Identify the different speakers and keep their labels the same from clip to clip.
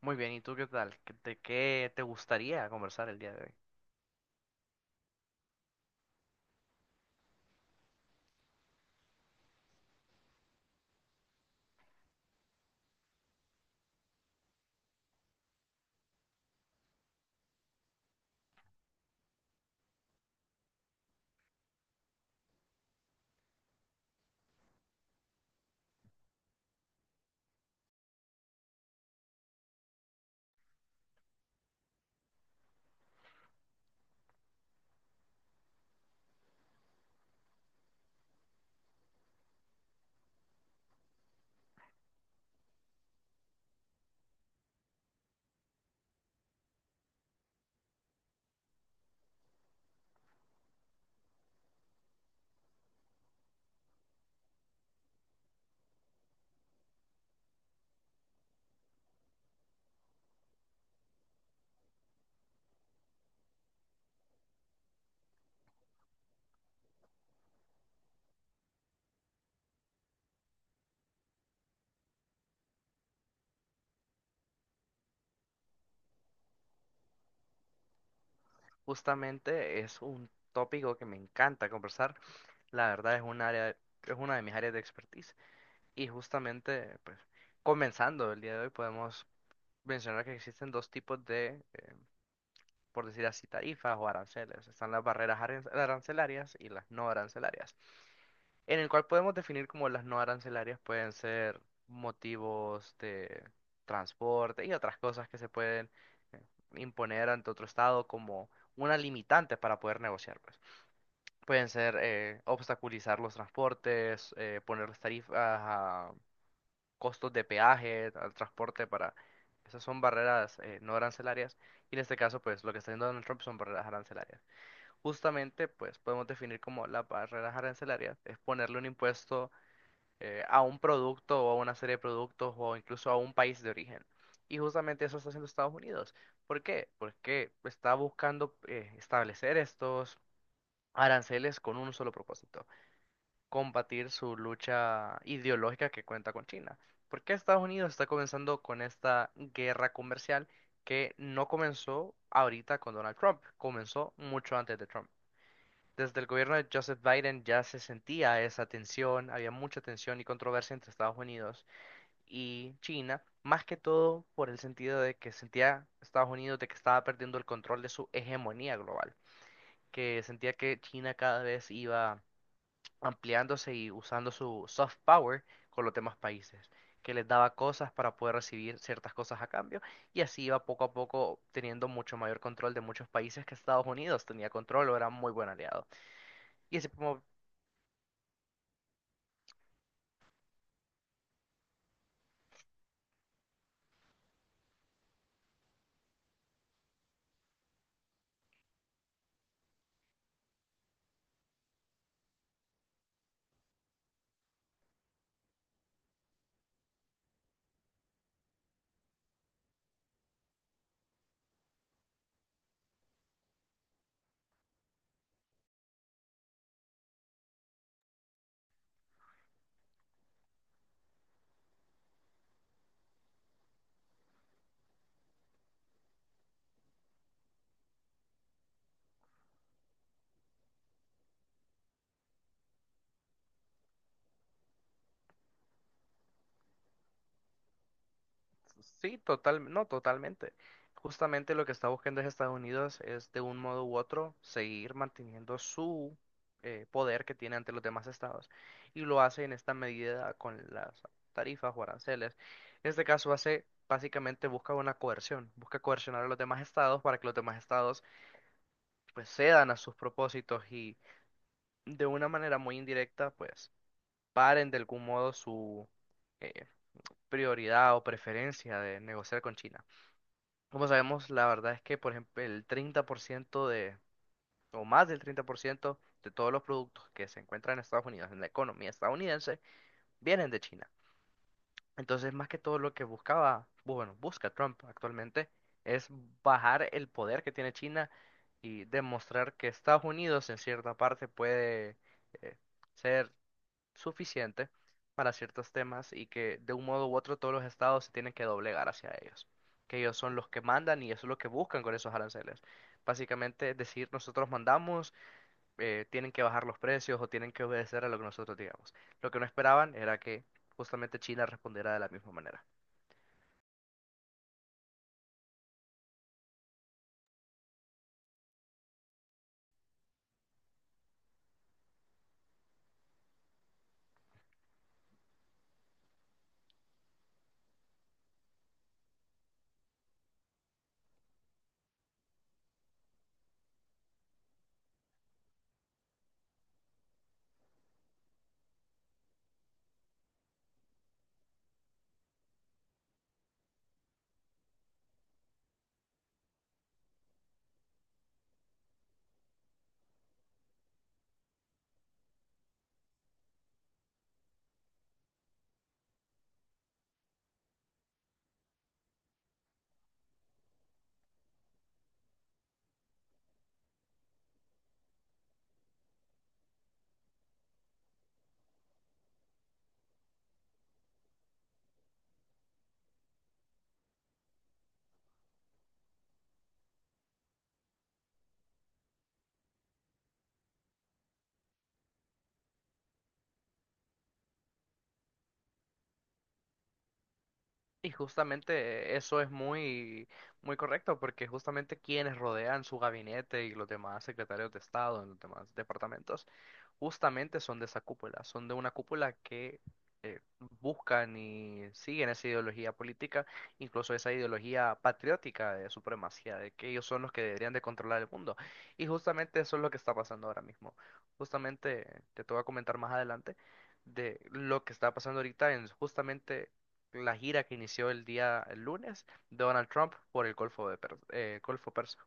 Speaker 1: Muy bien, ¿y tú qué tal? ¿¿Qué te gustaría conversar el día de hoy? Justamente es un tópico que me encanta conversar. La verdad es un área, es una de mis áreas de expertise. Y justamente, pues, comenzando el día de hoy, podemos mencionar que existen dos tipos de, por decir así, tarifas o aranceles. Están las arancelarias y las no arancelarias. En el cual podemos definir como las no arancelarias pueden ser motivos de transporte y otras cosas que se pueden eh, imponer ante otro estado como una limitante para poder negociar, pues. Pueden ser obstaculizar los transportes, poner tarifas a costos de peaje al transporte para… Esas son barreras no arancelarias y en este caso pues lo que está haciendo Donald Trump son barreras arancelarias. Justamente pues podemos definir como las barreras arancelarias es ponerle un impuesto a un producto o a una serie de productos o incluso a un país de origen. Y justamente eso está haciendo Estados Unidos. ¿Por qué? Porque está buscando establecer estos aranceles con un solo propósito, combatir su lucha ideológica que cuenta con China. ¿Por qué Estados Unidos está comenzando con esta guerra comercial que no comenzó ahorita con Donald Trump, comenzó mucho antes de Trump? Desde el gobierno de Joseph Biden ya se sentía esa tensión, había mucha tensión y controversia entre Estados Unidos y China, más que todo por el sentido de que sentía Estados Unidos de que estaba perdiendo el control de su hegemonía global, que sentía que China cada vez iba ampliándose y usando su soft power con los demás países, que les daba cosas para poder recibir ciertas cosas a cambio y así iba poco a poco teniendo mucho mayor control de muchos países que Estados Unidos tenía control o era muy buen aliado. Y así podemos… Sí, total, no, totalmente. Justamente lo que está buscando es Estados Unidos es de un modo u otro seguir manteniendo su poder que tiene ante los demás estados y lo hace en esta medida con las tarifas o aranceles. En este caso hace básicamente busca una coerción, busca coercionar a los demás estados para que los demás estados pues cedan a sus propósitos y de una manera muy indirecta pues paren de algún modo su eh, prioridad o preferencia de negociar con China. Como sabemos, la verdad es que, por ejemplo, el 30% de, o más del 30% de todos los productos que se encuentran en Estados Unidos, en la economía estadounidense, vienen de China. Entonces, más que todo lo que buscaba, bueno, busca Trump actualmente, es bajar el poder que tiene China y demostrar que Estados Unidos en cierta parte puede eh, ser suficiente para ciertos temas y que de un modo u otro todos los estados se tienen que doblegar hacia ellos, que ellos son los que mandan y eso es lo que buscan con esos aranceles. Básicamente decir nosotros mandamos, tienen que bajar los precios o tienen que obedecer a lo que nosotros digamos. Lo que no esperaban era que justamente China respondiera de la misma manera. Y justamente eso es muy correcto porque justamente quienes rodean su gabinete y los demás secretarios de Estado en los demás departamentos justamente son de esa cúpula, son de una cúpula que eh, buscan y siguen esa ideología política, incluso esa ideología patriótica de supremacía, de que ellos son los que deberían de controlar el mundo. Y justamente eso es lo que está pasando ahora mismo. Justamente te voy a comentar más adelante de lo que está pasando ahorita en justamente la gira que inició el día el lunes de Donald Trump por el Golfo Persa.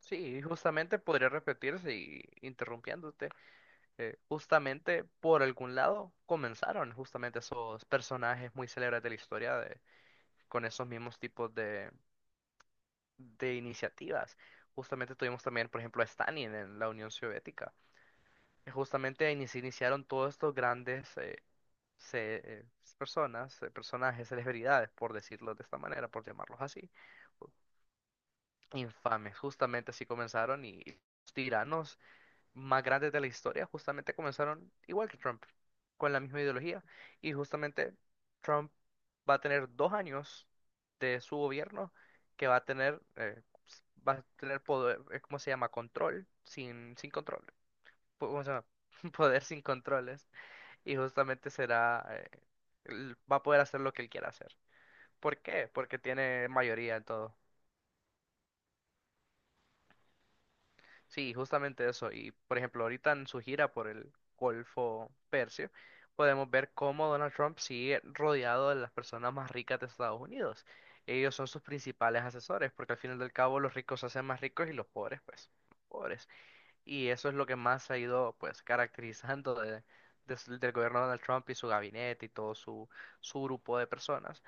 Speaker 1: Sí, justamente podría repetirse y interrumpiéndote. Justamente por algún lado comenzaron justamente esos personajes muy célebres de la historia de, con esos mismos tipos de iniciativas. Justamente tuvimos también, por ejemplo, a Stalin en la Unión Soviética, que justamente ahí se iniciaron todos estos grandes se- eh, personas, personajes, celebridades, por decirlo de esta manera, por llamarlos así, infames. Justamente así comenzaron y los tiranos más grandes de la historia justamente comenzaron igual que Trump, con la misma ideología. Y justamente Trump va a tener 2 años de su gobierno que va a tener, va a tener poder, ¿cómo se llama? Control sin, sin control. ¿Cómo se llama? Poder sin controles. Y justamente será, él va a poder hacer lo que él quiera hacer. ¿Por qué? Porque tiene mayoría en todo. Sí, justamente eso. Y por ejemplo, ahorita en su gira por el Golfo Persio, podemos ver cómo Donald Trump sigue rodeado de las personas más ricas de Estados Unidos. Ellos son sus principales asesores, porque al final del cabo los ricos se hacen más ricos y los pobres, pues, pobres. Y eso es lo que más se ha ido pues caracterizando del gobierno de Donald Trump y su gabinete y todo su, su grupo de personas.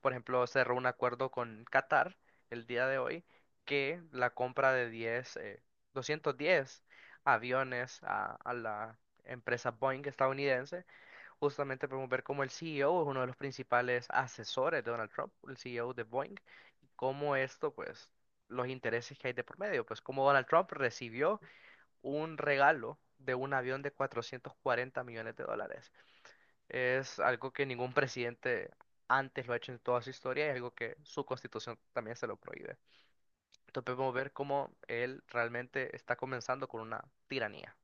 Speaker 1: Por ejemplo, cerró un acuerdo con Qatar el día de hoy que la compra de 210 aviones a la empresa Boeing estadounidense, justamente podemos ver cómo el CEO es uno de los principales asesores de Donald Trump, el CEO de Boeing, cómo esto pues los intereses que hay de por medio, pues cómo Donald Trump recibió un regalo de un avión de 440 millones de dólares. Es algo que ningún presidente antes lo ha hecho en toda su historia y es algo que su constitución también se lo prohíbe. Entonces podemos ver cómo él realmente está comenzando con una tiranía.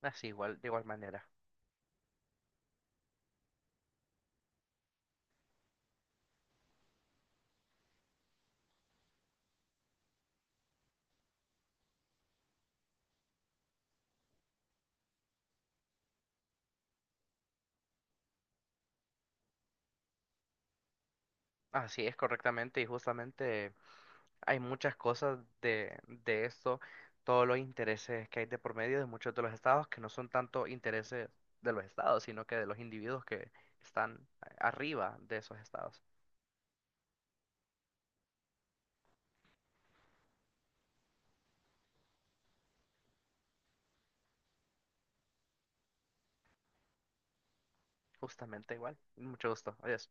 Speaker 1: Así, igual, de igual manera. Así es correctamente y justamente hay muchas cosas de esto, todos los intereses que hay de por medio de muchos de los estados, que no son tanto intereses de los estados, sino que de los individuos que están arriba de esos estados. Justamente igual. Mucho gusto. Adiós.